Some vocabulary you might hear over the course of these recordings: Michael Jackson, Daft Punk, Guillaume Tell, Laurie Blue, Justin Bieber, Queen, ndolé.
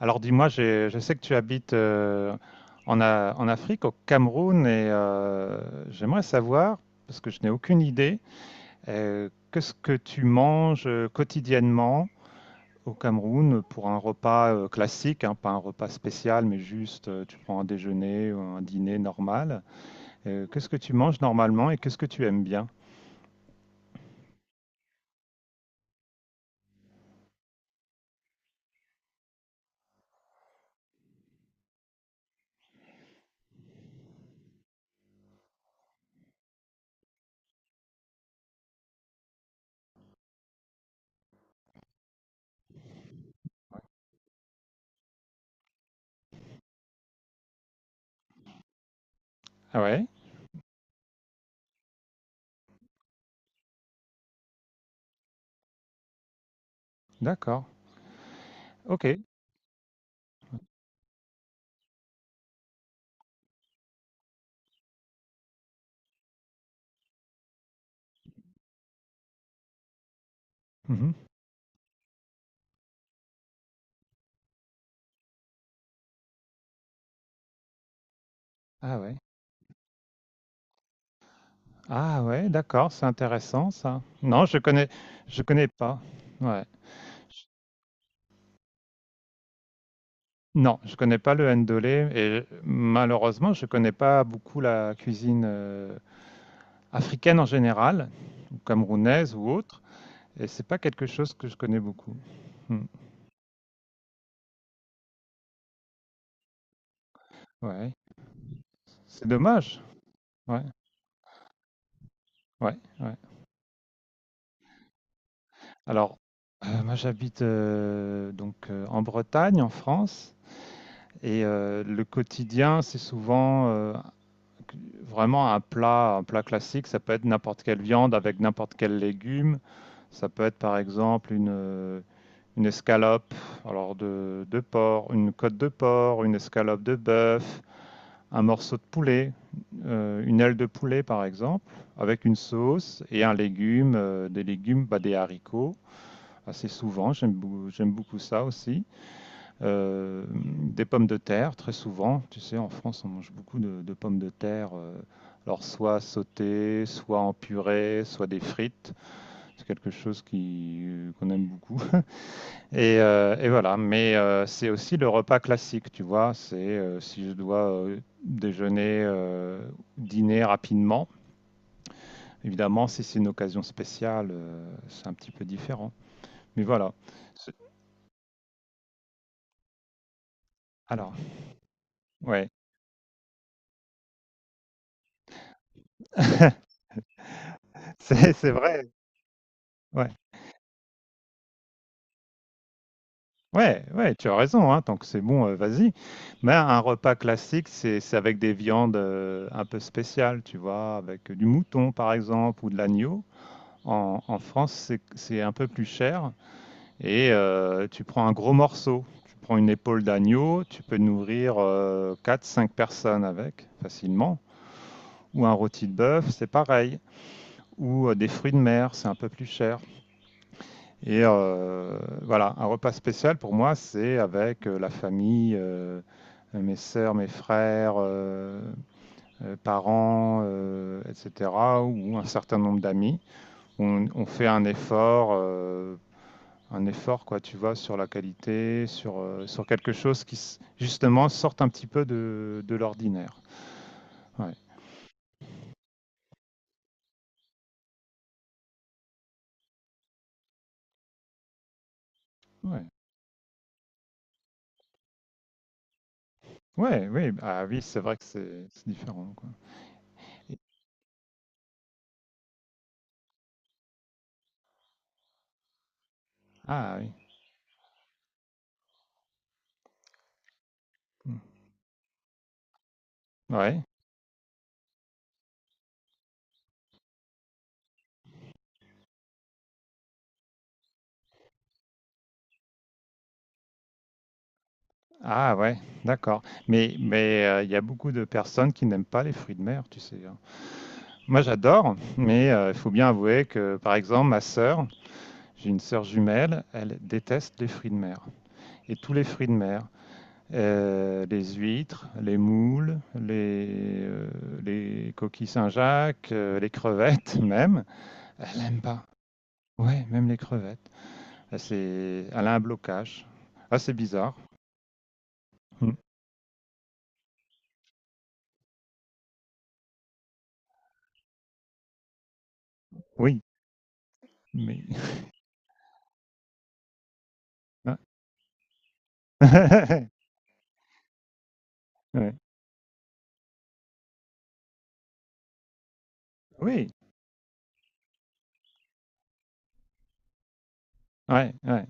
Alors dis-moi, je sais que tu habites en Afrique, au Cameroun, et j'aimerais savoir, parce que je n'ai aucune idée, qu'est-ce que tu manges quotidiennement au Cameroun pour un repas classique, hein, pas un repas spécial, mais juste tu prends un déjeuner ou un dîner normal. Qu'est-ce que tu manges normalement et qu'est-ce que tu aimes bien? Ah ouais, d'accord, ok. Mhm. Ah ouais, ah ouais, d'accord, c'est intéressant ça. Non, je connais pas. Ouais. Non, je connais pas le ndolé et malheureusement, je connais pas beaucoup la cuisine africaine en général, ou camerounaise ou autre, et c'est pas quelque chose que je connais beaucoup. Hmm. Ouais, c'est dommage. Ouais, ouais, ouais. Alors, moi j'habite donc en Bretagne, en France, et le quotidien, c'est souvent vraiment un plat classique. Ça peut être n'importe quelle viande avec n'importe quel légume. Ça peut être par exemple une escalope alors de porc, une côte de porc, une escalope de bœuf, un morceau de poulet, une aile de poulet par exemple, avec une sauce et un légume, des légumes, bah, des haricots assez souvent, j'aime beaucoup ça aussi. Des pommes de terre très souvent, tu sais en France on mange beaucoup de pommes de terre. Alors soit sautées, soit en purée, soit des frites. C'est quelque chose qui qu'on aime beaucoup. Et voilà, mais c'est aussi le repas classique, tu vois. C'est si je dois déjeuner, dîner rapidement. Évidemment, si c'est une occasion spéciale, c'est un petit peu différent. Mais voilà. C'est- Alors, ouais, c'est vrai. Ouais, ouais, ouais, tu as raison. Hein, tant que c'est bon, vas-y. Mais un repas classique, c'est avec des viandes un peu spéciales, tu vois, avec du mouton par exemple ou de l'agneau. En France, c'est un peu plus cher. Et tu prends un gros morceau, tu prends une épaule d'agneau, tu peux nourrir quatre cinq personnes avec facilement. Ou un rôti de bœuf, c'est pareil. Ou des fruits de mer, c'est un peu plus cher. Et voilà, un repas spécial pour moi, c'est avec la famille, mes sœurs, mes frères, parents, etc., ou un certain nombre d'amis. On fait un effort, quoi, tu vois, sur la qualité, sur quelque chose qui, justement, sorte un petit peu de l'ordinaire. Ouais, ouais. Ouais, oui, ah oui, c'est vrai que c'est différent, quoi. Et- Ah oui. Hmm. Ouais. Ah ouais, d'accord. Mais il y a beaucoup de personnes qui n'aiment pas les fruits de mer, tu sais. Hein. Moi, j'adore, mais il faut bien avouer que, par exemple, ma sœur, j'ai une sœur jumelle, elle déteste les fruits de mer. Et tous les fruits de mer, les huîtres, les moules, les coquilles Saint-Jacques, les crevettes même. Elle aime pas. Ouais, même les crevettes. Elle a un blocage. Ah, c'est bizarre. Hmm. Oui, mais... Ouais. Oui, ouais, ouais.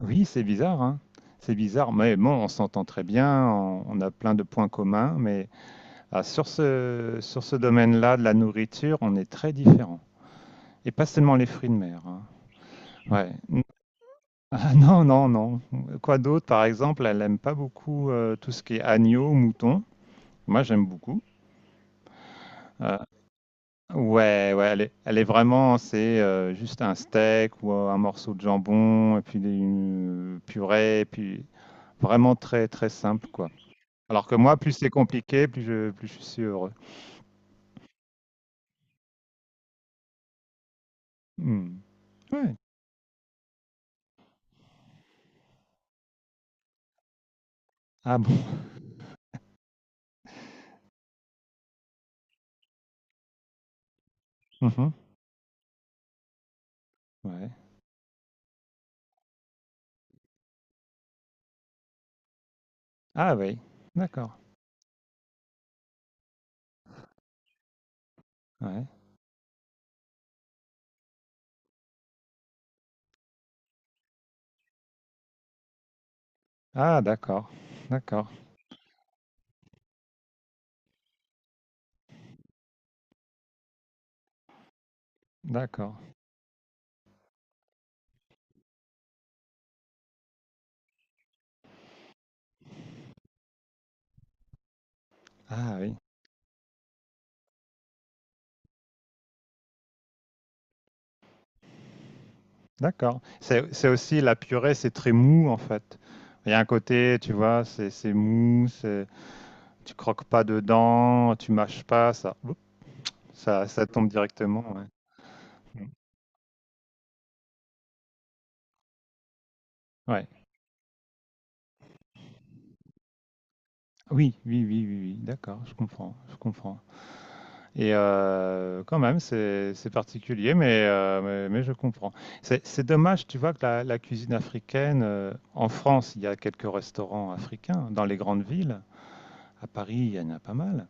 Oui, c'est bizarre, hein. C'est bizarre, mais bon, on s'entend très bien, on a plein de points communs, mais ah, sur ce domaine-là de la nourriture, on est très différents. Et pas seulement les fruits de mer, hein. Ouais. Non, non, non. Quoi d'autre? Par exemple, elle aime pas beaucoup tout ce qui est agneau, mouton. Moi, j'aime beaucoup. Euh, ouais, ouais, elle est vraiment, c'est juste un steak ou un morceau de jambon, et puis une purée, et puis vraiment très, très simple, quoi. Alors que moi, plus c'est compliqué, plus je suis heureux. Hmm. Ouais. Ah bon? Mhm. Ouais. Ah oui, d'accord. Ouais. Ah d'accord, d'accord, d'accord. Ah oui. D'accord. C'est aussi la purée, c'est très mou en fait. Il y a un côté, tu vois, c'est mou, c'est tu croques pas dedans, tu mâches pas, ça, oups, ça tombe directement. Ouais. Mm. Ouais. Oui, oui, oui, oui, oui. D'accord, je comprends, je comprends. Et quand même, c'est particulier, mais je comprends. C'est dommage, tu vois, que la cuisine africaine en France, il y a quelques restaurants africains dans les grandes villes. À Paris, il y en a pas mal.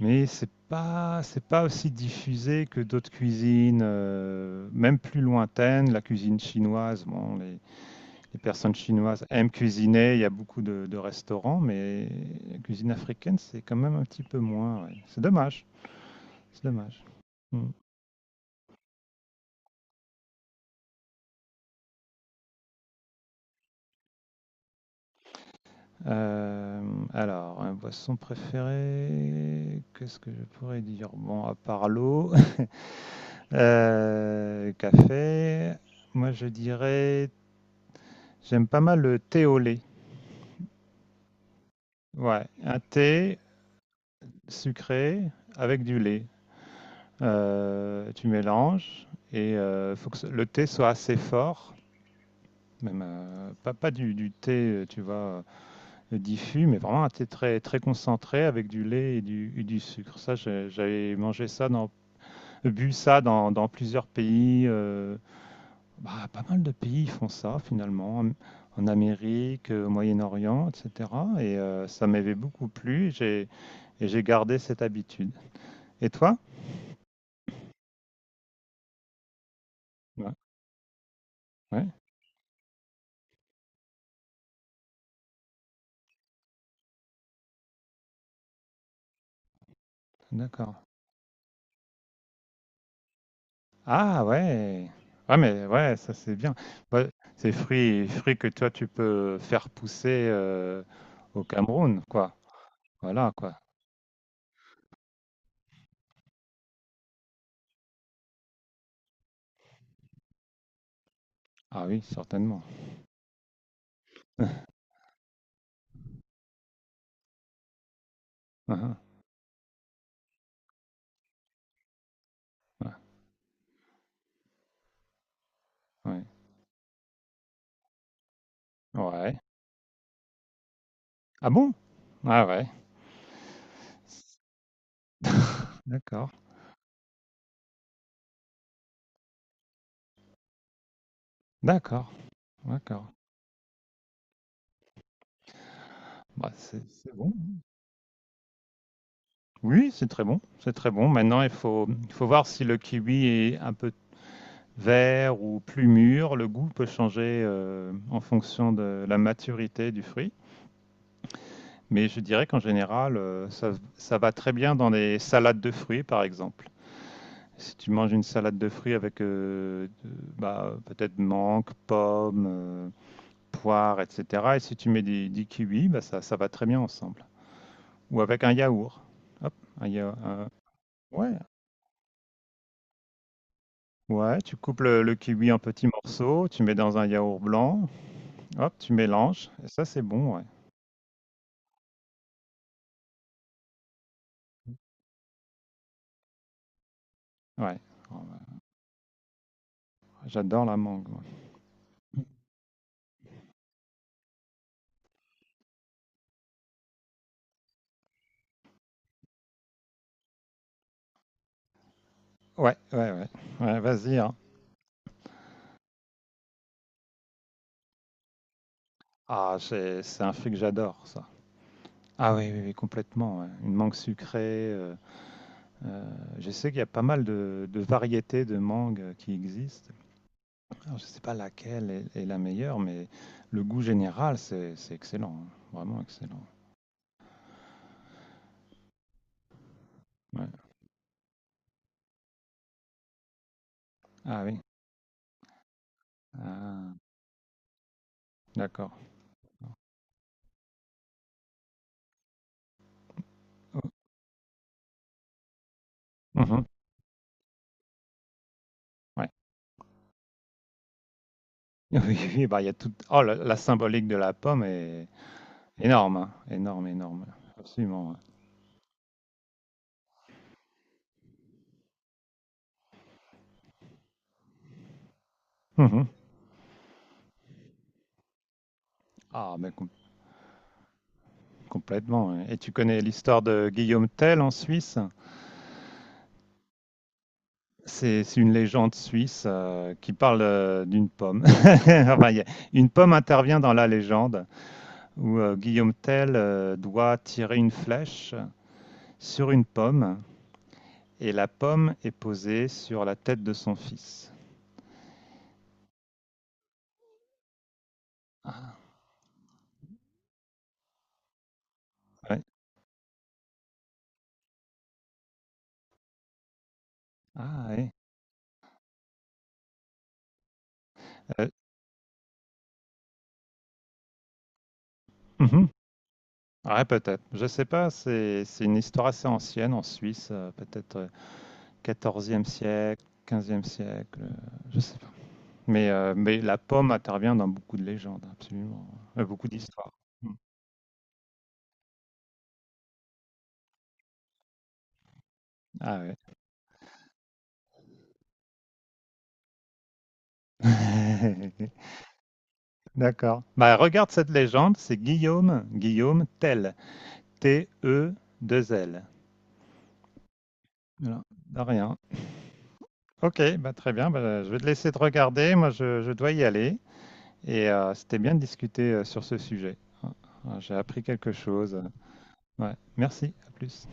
Mais c'est pas aussi diffusé que d'autres cuisines, même plus lointaines. La cuisine chinoise, bon, les personnes chinoises aiment cuisiner. Il y a beaucoup de restaurants, mais la cuisine africaine, c'est quand même un petit peu moins. Ouais. C'est dommage. C'est dommage. Mm. Euh, alors, un boisson préféré, qu'est-ce que je pourrais dire? Bon, à part l'eau, café. Moi, je dirais, j'aime pas mal le thé au lait. Ouais, un thé sucré avec du lait. Tu mélanges et il faut que le thé soit assez fort, même pas du thé, tu vois, diffus, mais vraiment un thé très, très concentré avec du lait et du sucre. Ça, j'avais mangé ça, bu ça dans plusieurs pays. Bah, pas mal de pays font ça finalement, en Amérique, au Moyen-Orient, etc. Et ça m'avait beaucoup plu. J'ai gardé cette habitude. Et toi? Ouais, ouais, d'accord. Ah ouais. Ah mais ouais, ça c'est bien. Ouais, c'est fruits que toi tu peux faire pousser au Cameroun, quoi. Voilà, quoi. Ah oui, certainement. Ah, ah, ouais. Ouais. Ouais. Ah bon? Ah ouais. D'accord. D'accord. D'accord. Bah, c'est bon. Oui, c'est très bon. C'est très bon. Maintenant, il faut voir si le kiwi est un peu vert ou plus mûr. Le goût peut changer en fonction de la maturité du fruit. Mais je dirais qu'en général, ça va très bien dans des salades de fruits, par exemple. Si tu manges une salade de fruits avec bah, peut-être mangue, pomme, poire, etc. Et si tu mets des kiwis, bah, ça va très bien ensemble. Ou avec un yaourt. Hop, un yaourt. Ouais. Ouais, tu coupes le kiwi en petits morceaux, tu mets dans un yaourt blanc, hop, tu mélanges, et ça c'est bon, ouais. Ouais. Oh, ouais. J'adore la mangue, moi. Ouais, ouais, ouais. Ouais, vas-y, hein. Ah, c'est un fruit que j'adore, ça. Ah oui, oui, oui, complètement. Ouais. Une mangue sucrée. Euh, je sais qu'il y a pas mal de variétés de mangue qui existent. Alors, je ne sais pas laquelle est la meilleure, mais le goût général, c'est excellent. Hein. Vraiment excellent. Ouais. Ah oui. Ah, d'accord. Oh, mhm. Ouais. Oui, oui, bah, il y a tout... Oh, la symbolique de la pomme est énorme, hein. Énorme, énorme. Absolument. Ouais. Mhm. Ah, ben, complètement. Ouais. Et tu connais l'histoire de Guillaume Tell en Suisse? C'est une légende suisse qui parle d'une pomme. Enfin, une pomme intervient dans la légende où Guillaume Tell doit tirer une flèche sur une pomme et la pomme est posée sur la tête de son fils. Ouais. Ah, oui. Ouais, peut-être. Je sais pas, c'est une histoire assez ancienne en Suisse, peut-être 14 siècle, 15 siècle, je sais pas. Mais la pomme intervient dans beaucoup de légendes, absolument. Beaucoup d'histoires. Mm. Ah ouais. D'accord. Bah, regarde cette légende, c'est Guillaume, Guillaume Tell, t e deux l. Voilà, de rien. Ok, bah, très bien. Bah, je vais te laisser te regarder. Moi, je dois y aller. Et c'était bien de discuter sur ce sujet. Ah, j'ai appris quelque chose. Ouais, merci. À plus.